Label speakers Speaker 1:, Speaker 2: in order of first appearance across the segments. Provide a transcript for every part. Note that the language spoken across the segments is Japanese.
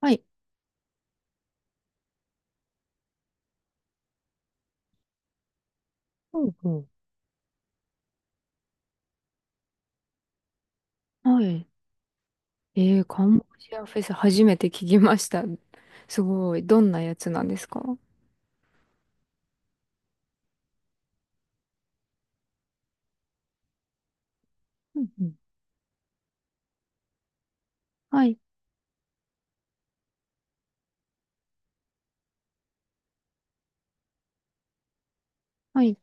Speaker 1: はい。うんうん。はい。えー、カンボジアフェス初めて聞きました。すごい。どんなやつなんですか？うんうん。はい。はい。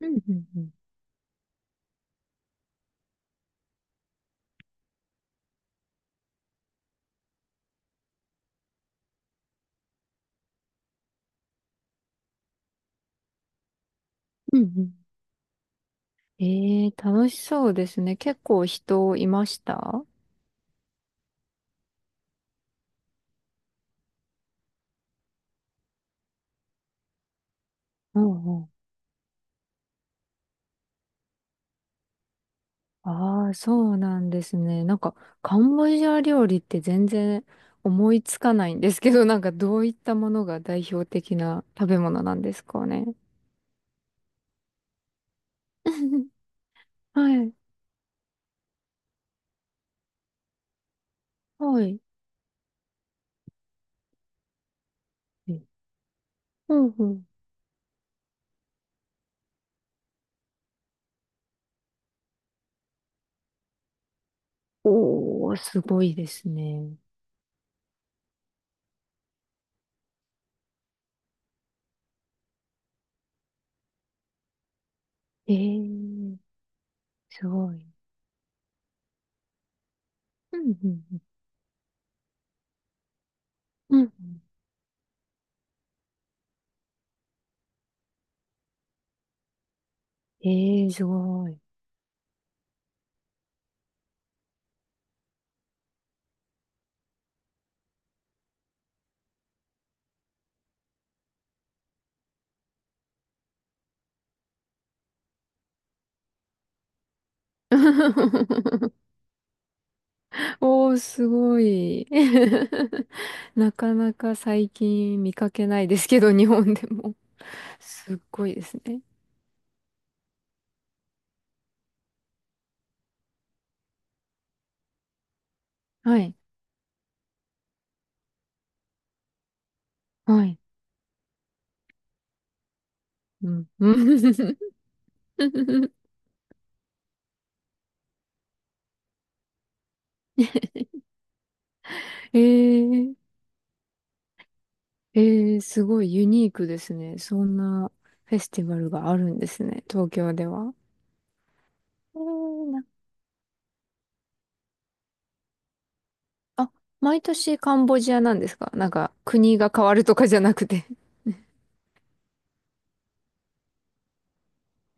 Speaker 1: うんうんうん。うんうん。えー、楽しそうですね。結構人いました？うんうん。ああ、そうなんですね。なんか、カンボジア料理って全然思いつかないんですけど、なんかどういったものが代表的な食べ物なんですかね。はい。はい。えうんうん。おー、すごいですね。えー、すごい。うん、うん、うん。うん。えー、すごい。おー、すごい。なかなか最近見かけないですけど、日本でも。すっごいですね。はい、はい。うん、うん。 えー、えー、すごいユニークですね。そんなフェスティバルがあるんですね、東京では。えーあ、毎年カンボジアなんですか？なんか国が変わるとかじゃなくて。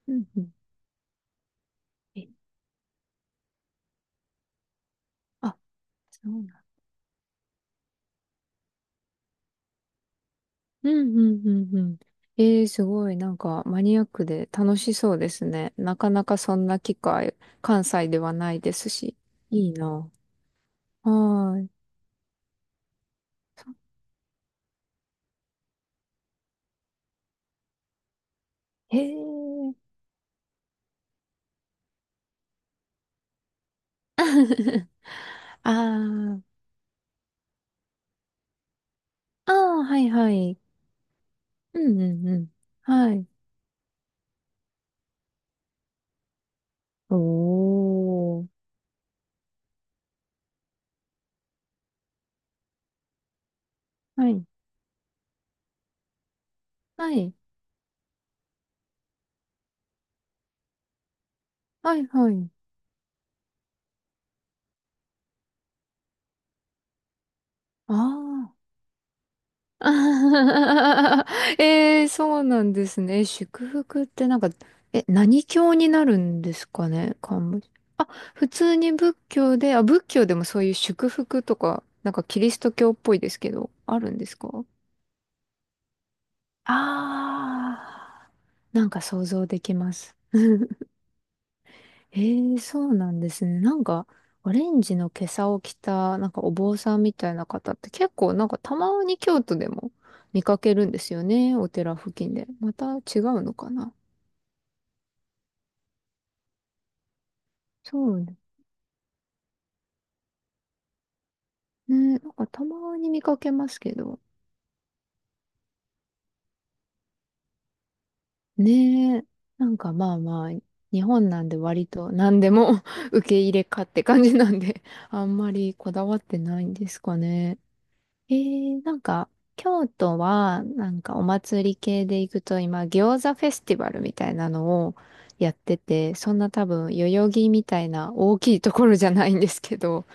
Speaker 1: うんうん。えあ、そうなん。うんうんうんうん。ええ、すごい、なんかマニアックで楽しそうですね。なかなかそんな機会、関西ではないですし。いいな。はーい。そへえ。あー、あー、はいはい。うんうんうん。はい。おー。はい。はい。はいはい。ああ、あー。 えー、そうなんですね。祝福ってなんか、何教になるんですかね、漢字。あ、普通に仏教で、あ、仏教でもそういう祝福とか、なんかキリスト教っぽいですけど、あるんですか？ああー、なんか想像できます。ええ、そうなんですね。なんか、オレンジの袈裟を着た、なんかお坊さんみたいな方って結構、なんかたまに京都でも見かけるんですよね。お寺付近で。また違うのかな。そうね。ね、なんかたまに見かけますけど。ねえ、なんかまあまあ、日本なんで割と何でも 受け入れかって感じなんで、あんまりこだわってないんですかね。なんか、京都は、なんかお祭り系で行くと、今、餃子フェスティバルみたいなのをやってて、そんな多分、代々木みたいな大きいところじゃないんですけど、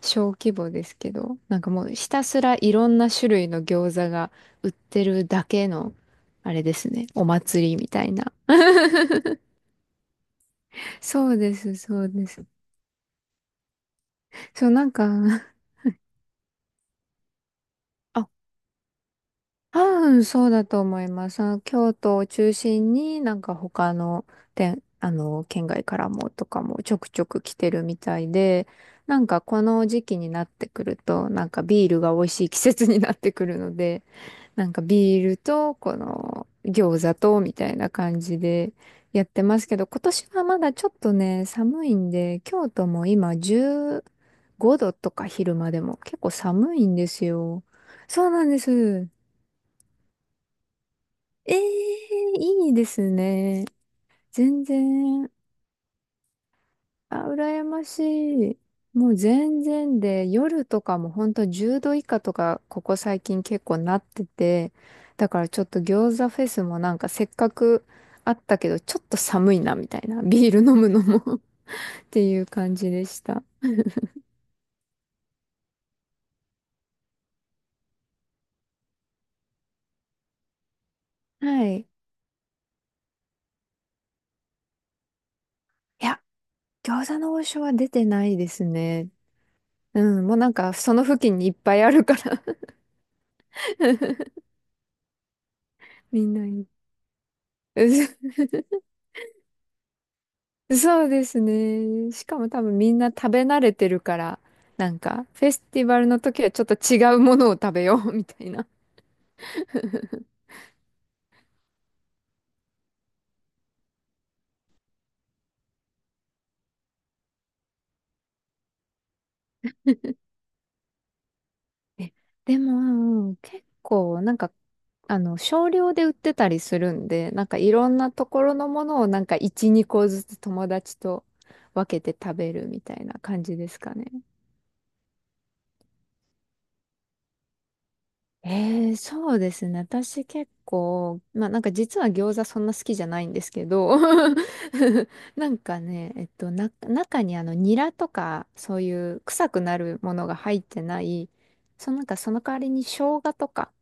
Speaker 1: 小規模ですけど、なんかもうひたすらいろんな種類の餃子が売ってるだけの、あれですね、お祭りみたいな。そうです、そうです。そう、なんか、あ、多分そうだと思います。あの京都を中心になんか他の店、あの、県外からもとかもちょくちょく来てるみたいで、なんかこの時期になってくると、なんかビールが美味しい季節になってくるので、なんかビールとこの餃子とみたいな感じでやってますけど、今年はまだちょっとね、寒いんで、京都も今15度とか昼間でも結構寒いんですよ。そうなんです。ええ、いいですね。全然、あ、羨ましい。もう全然で、夜とかも本当10度以下とか、ここ最近結構なってて、だからちょっと餃子フェスもなんかせっかくあったけど、ちょっと寒いなみたいな、ビール飲むのも っていう感じでした。はい。いや、餃子の王将は出てないですね。うん、もうなんかその付近にいっぱいあるから みんないい。そうですね。しかも多分みんな食べ慣れてるから、なんか、フェスティバルの時はちょっと違うものを食べよう みたいな。え、でも、結構、なんか、少量で売ってたりするんで、なんかいろんなところのものをなんか1、2個ずつ友達と分けて食べるみたいな感じですかね。ええ、そうですね。私結構、まあなんか実は餃子そんな好きじゃないんですけど、なんかね、中にニラとかそういう臭くなるものが入ってない、そのなんかその代わりに生姜とか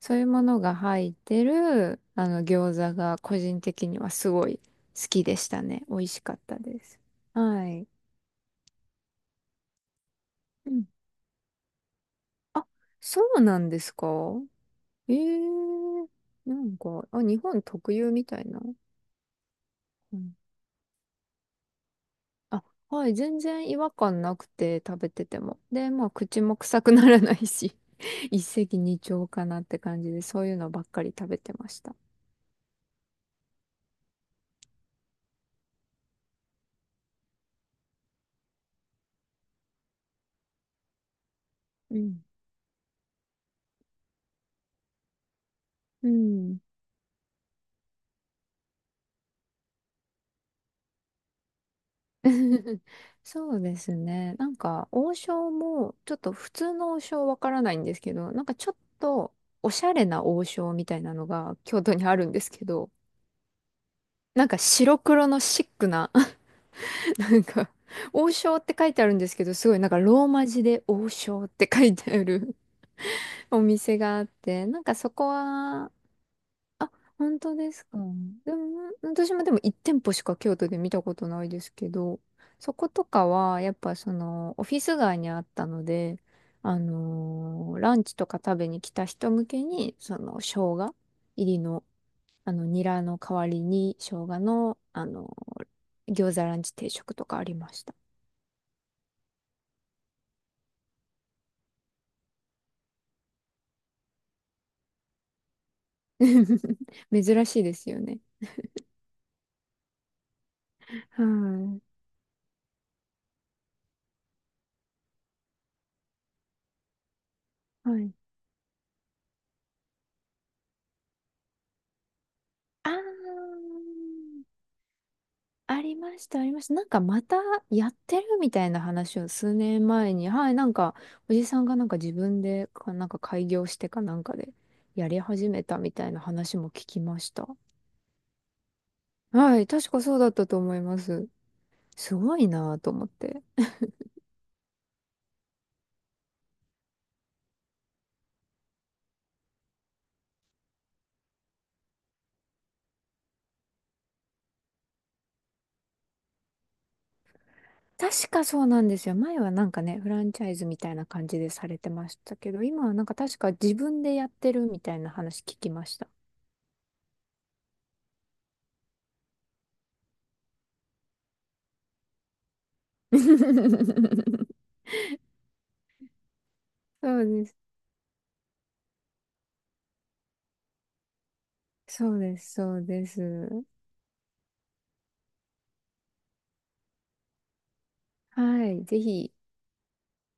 Speaker 1: そういうものが入ってるあの餃子が個人的にはすごい好きでしたね。美味しかったです。はい。うん。あ、そうなんですか？ええ、なんか、あ、日本特有みたいな。うん。あ、はい、全然違和感なくて食べてても。で、まあ、口も臭くならないし、一石二鳥かなって感じで、そういうのばっかり食べてました。うん。うん。そうですね。なんか、王将も、ちょっと普通の王将わからないんですけど、なんかちょっと、おしゃれな王将みたいなのが京都にあるんですけど、なんか白黒のシックななんか、王将って書いてあるんですけど、すごいなんかローマ字で王将って書いてある お店があって、なんかそこは、あ、本当ですか。でも、私もでも1店舗しか京都で見たことないですけど、そことかは、やっぱオフィス街にあったので、ランチとか食べに来た人向けに、生姜入りの、ニラの代わりに、生姜の、ー餃子ランチ定食とかありました。珍しいですよね。はい。はい。ああ、ありました、ありました。なんかまたやってるみたいな話を数年前に、はい、なんかおじさんがなんか自分でか、なんか開業してかなんかでやり始めたみたいな話も聞きました。はい、確かそうだったと思います。すごいなぁと思って。確かそうなんですよ。前はなんかね、フランチャイズみたいな感じでされてましたけど、今はなんか確か自分でやってるみたいな話聞きました。そうです。そうです。そうです。はい。ぜひ、